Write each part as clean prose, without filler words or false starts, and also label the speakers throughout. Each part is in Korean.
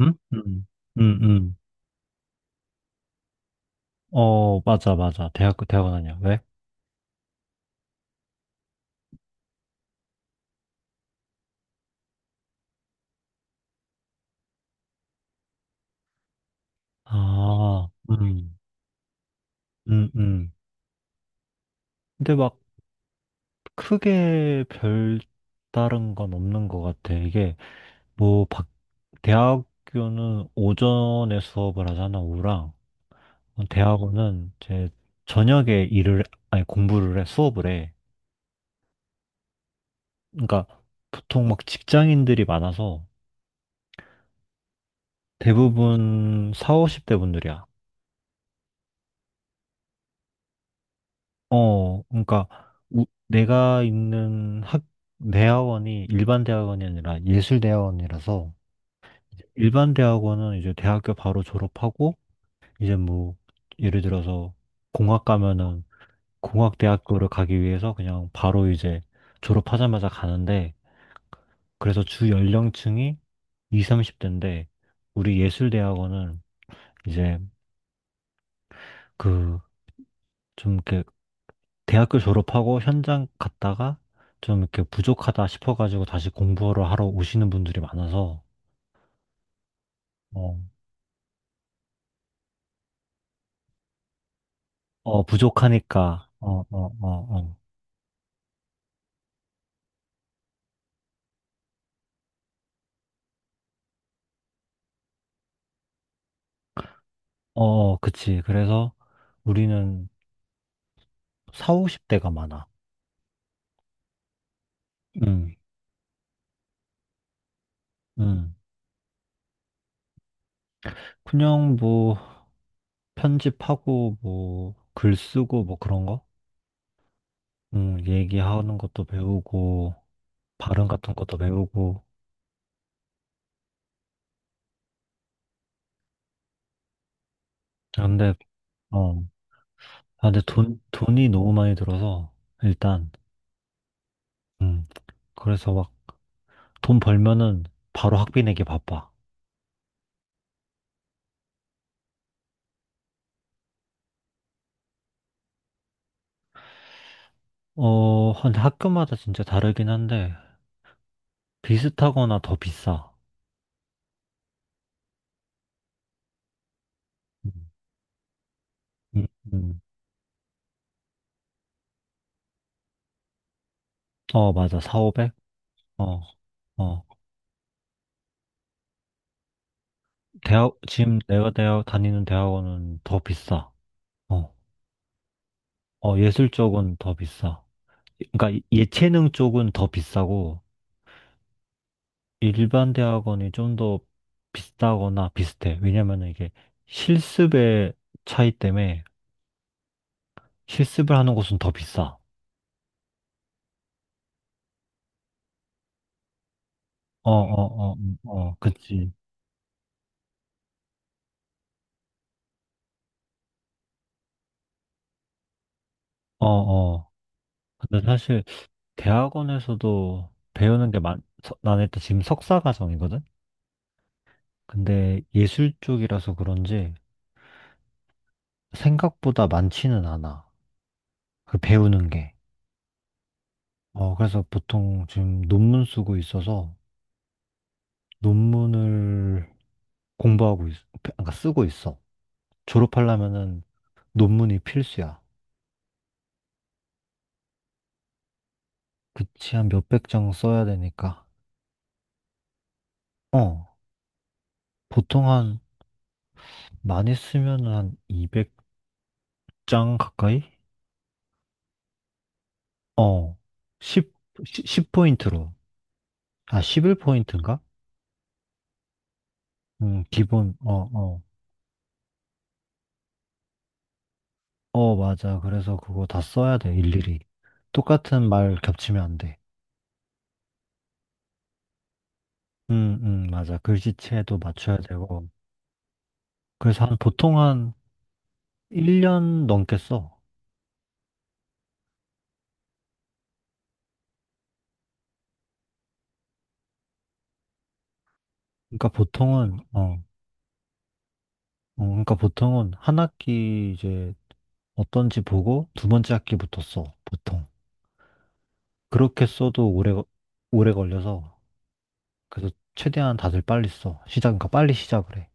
Speaker 1: 응? 응, 응, 응. 어, 맞아, 맞아. 대학교, 대학원 아니야. 왜? 아, 음, 음. 근데 막 크게 별다른 건 없는 것 같아. 이게 뭐, 대학교는 오전에 수업을 하잖아, 오후랑. 대학원은 이제 저녁에 일을, 아니, 공부를 해, 수업을 해. 그러니까 보통 막 직장인들이 많아서 대부분 4, 50대 분들이야. 어, 그러니까 내가 있는 학 대학원이 일반 대학원이 아니라 예술 대학원이라서 일반 대학원은 이제 대학교 바로 졸업하고 이제 뭐 예를 들어서 공학 가면은 공학 대학교를 가기 위해서 그냥 바로 이제 졸업하자마자 가는데 그래서 주 연령층이 20, 30대인데 우리 예술 대학원은 이제 그 좀 이렇게 대학교 졸업하고 현장 갔다가 좀 이렇게 부족하다 싶어가지고 다시 공부를 하러 오시는 분들이 많아서, 어, 어, 부족하니까, 어, 어, 어, 어, 어, 어, 그치. 그래서 우리는 4, 50대가 많아. 응, 응. 그냥 뭐, 편집하고, 뭐, 글 쓰고, 뭐 그런 거? 응, 얘기하는 것도 배우고, 발음 같은 것도 배우고. 근데, 어, 근데 돈이 너무 많이 들어서, 일단, 응. 그래서 막 돈 벌면은 바로 학비 내기 바빠. 어, 근데 학교마다 진짜 다르긴 한데, 비슷하거나 더 비싸. 음, 음, 음. 어, 맞아. 4, 오0 0. 어, 어. 지금 내가 다니는 대학원은 더 비싸. 어, 어, 예술 쪽은 더 비싸. 그러니까 예체능 쪽은 더 비싸고, 일반 대학원이 좀 더 비싸거나 비슷해. 왜냐면 은 이게 실습의 차이 때문에 실습을 하는 곳은 더 비싸. 어, 어, 어, 어, 어, 그치. 어, 어. 근데 사실 대학원에서도 배우는 게 나는 일단 지금 석사 과정이거든? 근데 예술 쪽이라서 그런지 생각보다 많지는 않아. 그 배우는 게. 어, 그래서 보통 지금 논문 쓰고 있어서 논문을 공부하고 있, 그러니까 쓰고 있어. 졸업하려면은 논문이 필수야. 그치, 한 몇백 장 써야 되니까. 어, 보통 많이 쓰면은 한200 장 가까이? 어. 10, 10포인트로. 아, 11포인트인가? 기본, 어, 어. 어, 맞아. 그래서 그거 다 써야 돼, 일일이. 똑같은 말 겹치면 안 돼. 맞아. 글씨체도 맞춰야 되고. 그래서 보통 한 1년 넘게 써. 그러니까 보통은, 어, 그러니까 보통은 한 학기 이제 어떤지 보고 두 번째 학기부터 써, 보통. 그렇게 써도 오래 걸려서 그래서 최대한 다들 빨리 써. 시작은 빨리 시작을 해.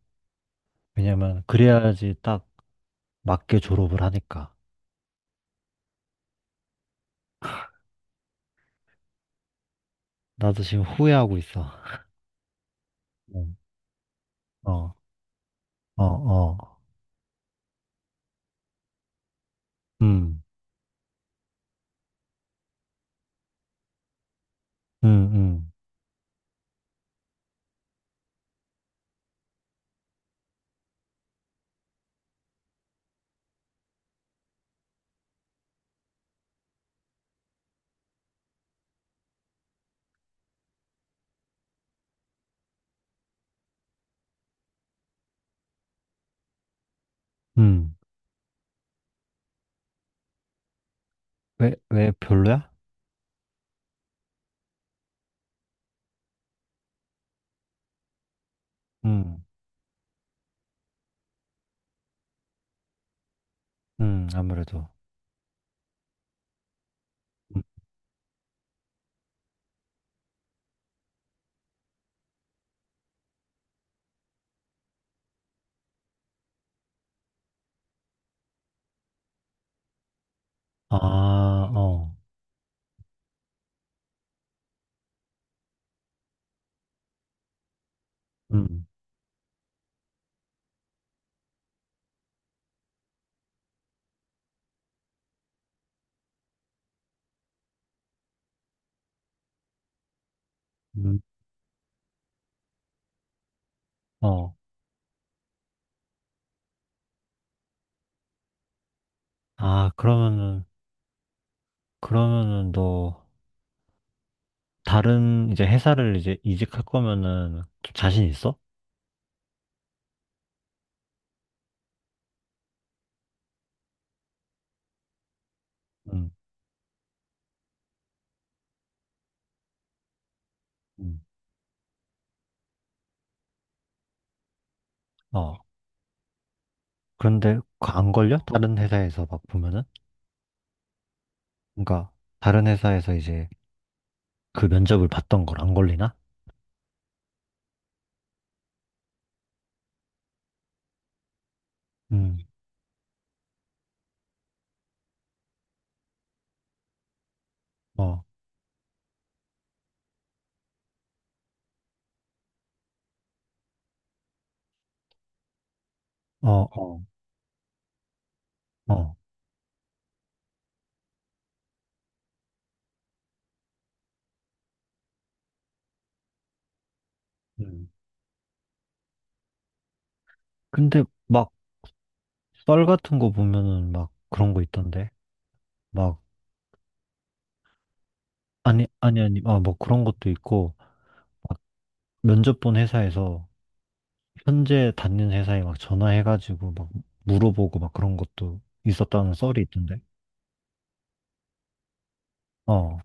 Speaker 1: 왜냐면 그래야지 딱 맞게 졸업을 하니까. 나도 지금 후회하고 있어. 음. 어, 어, 어. 음, 음, 음, 음. 왜 별로야? 음, 아무래도. 음. 아, 어, 음, 음, 어. 아, 그러면은 너 다른 이제 회사를 이제 이직할 거면은 좀 자신 있어? 음, 음. 어, 그런데 안 걸려? 다른 회사에서 막 보면은? 그러니까 다른 회사에서 이제 그 면접을 봤던 걸 안 걸리나? 음, 어, 어, 어, 어. 음. 근데 막 썰 같은 거 보면은 막 그런 거 있던데. 막 아니 아니 아니 아, 뭐 그런 것도 있고 면접 본 회사에서 현재 다니는 회사에 막 전화해가지고 막 물어보고 막 그런 것도 있었다는 썰이 있던데. 어,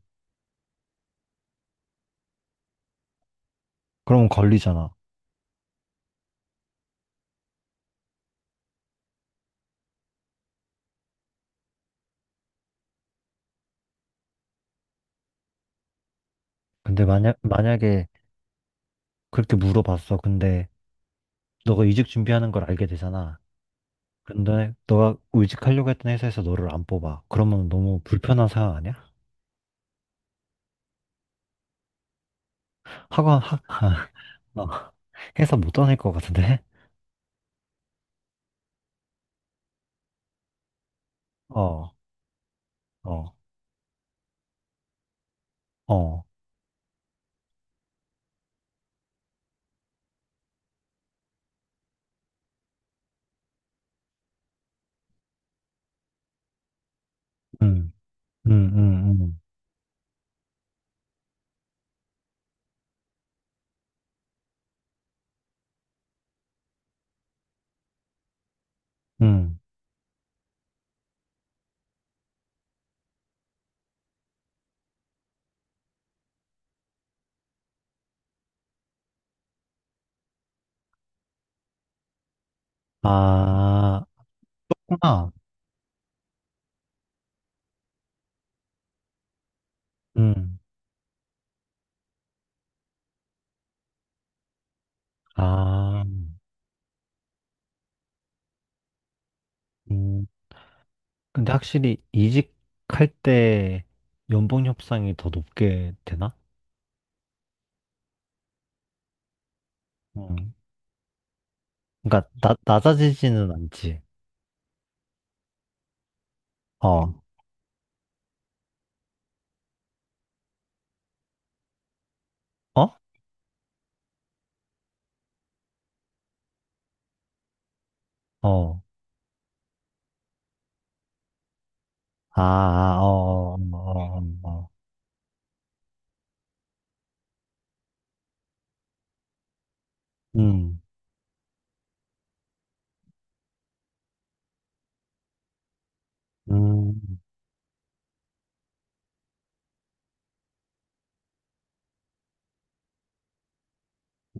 Speaker 1: 그럼 걸리잖아. 근데 만약에 그렇게 물어봤어. 근데 너가 이직 준비하는 걸 알게 되잖아. 근데 너가 이직하려고 했던 회사에서 너를 안 뽑아. 그러면 너무 불편한 상황 아니야? 학원, 학, 어, 회사 못 다닐 것 같은데? 어, 어, 어, 음, 음, 음, 음, 음. 아, 아, 음, 아, 음. 근데 확실히 이직할 때 연봉 협상이 더 높게 되나? 음. 그러니까 낮아지지는 않지. 어, 어? 어. 아, 아, 어, 어, 어, 어, 어. 음, 음,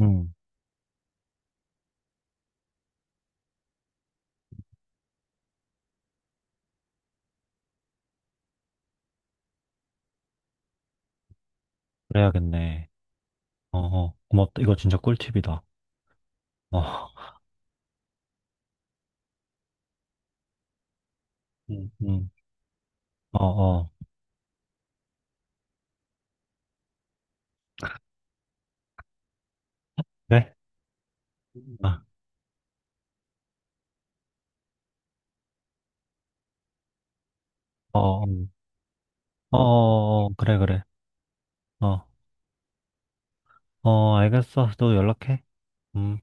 Speaker 1: 음, 그래야겠네. 어, 어, 고맙다. 이거 진짜 꿀팁이다. 어, 음, 음, 어, 어, 그래? 아, 어, 어, 어, 어, 어. 그래, 그래. 어, 어, 알겠어. 또 연락해. 음.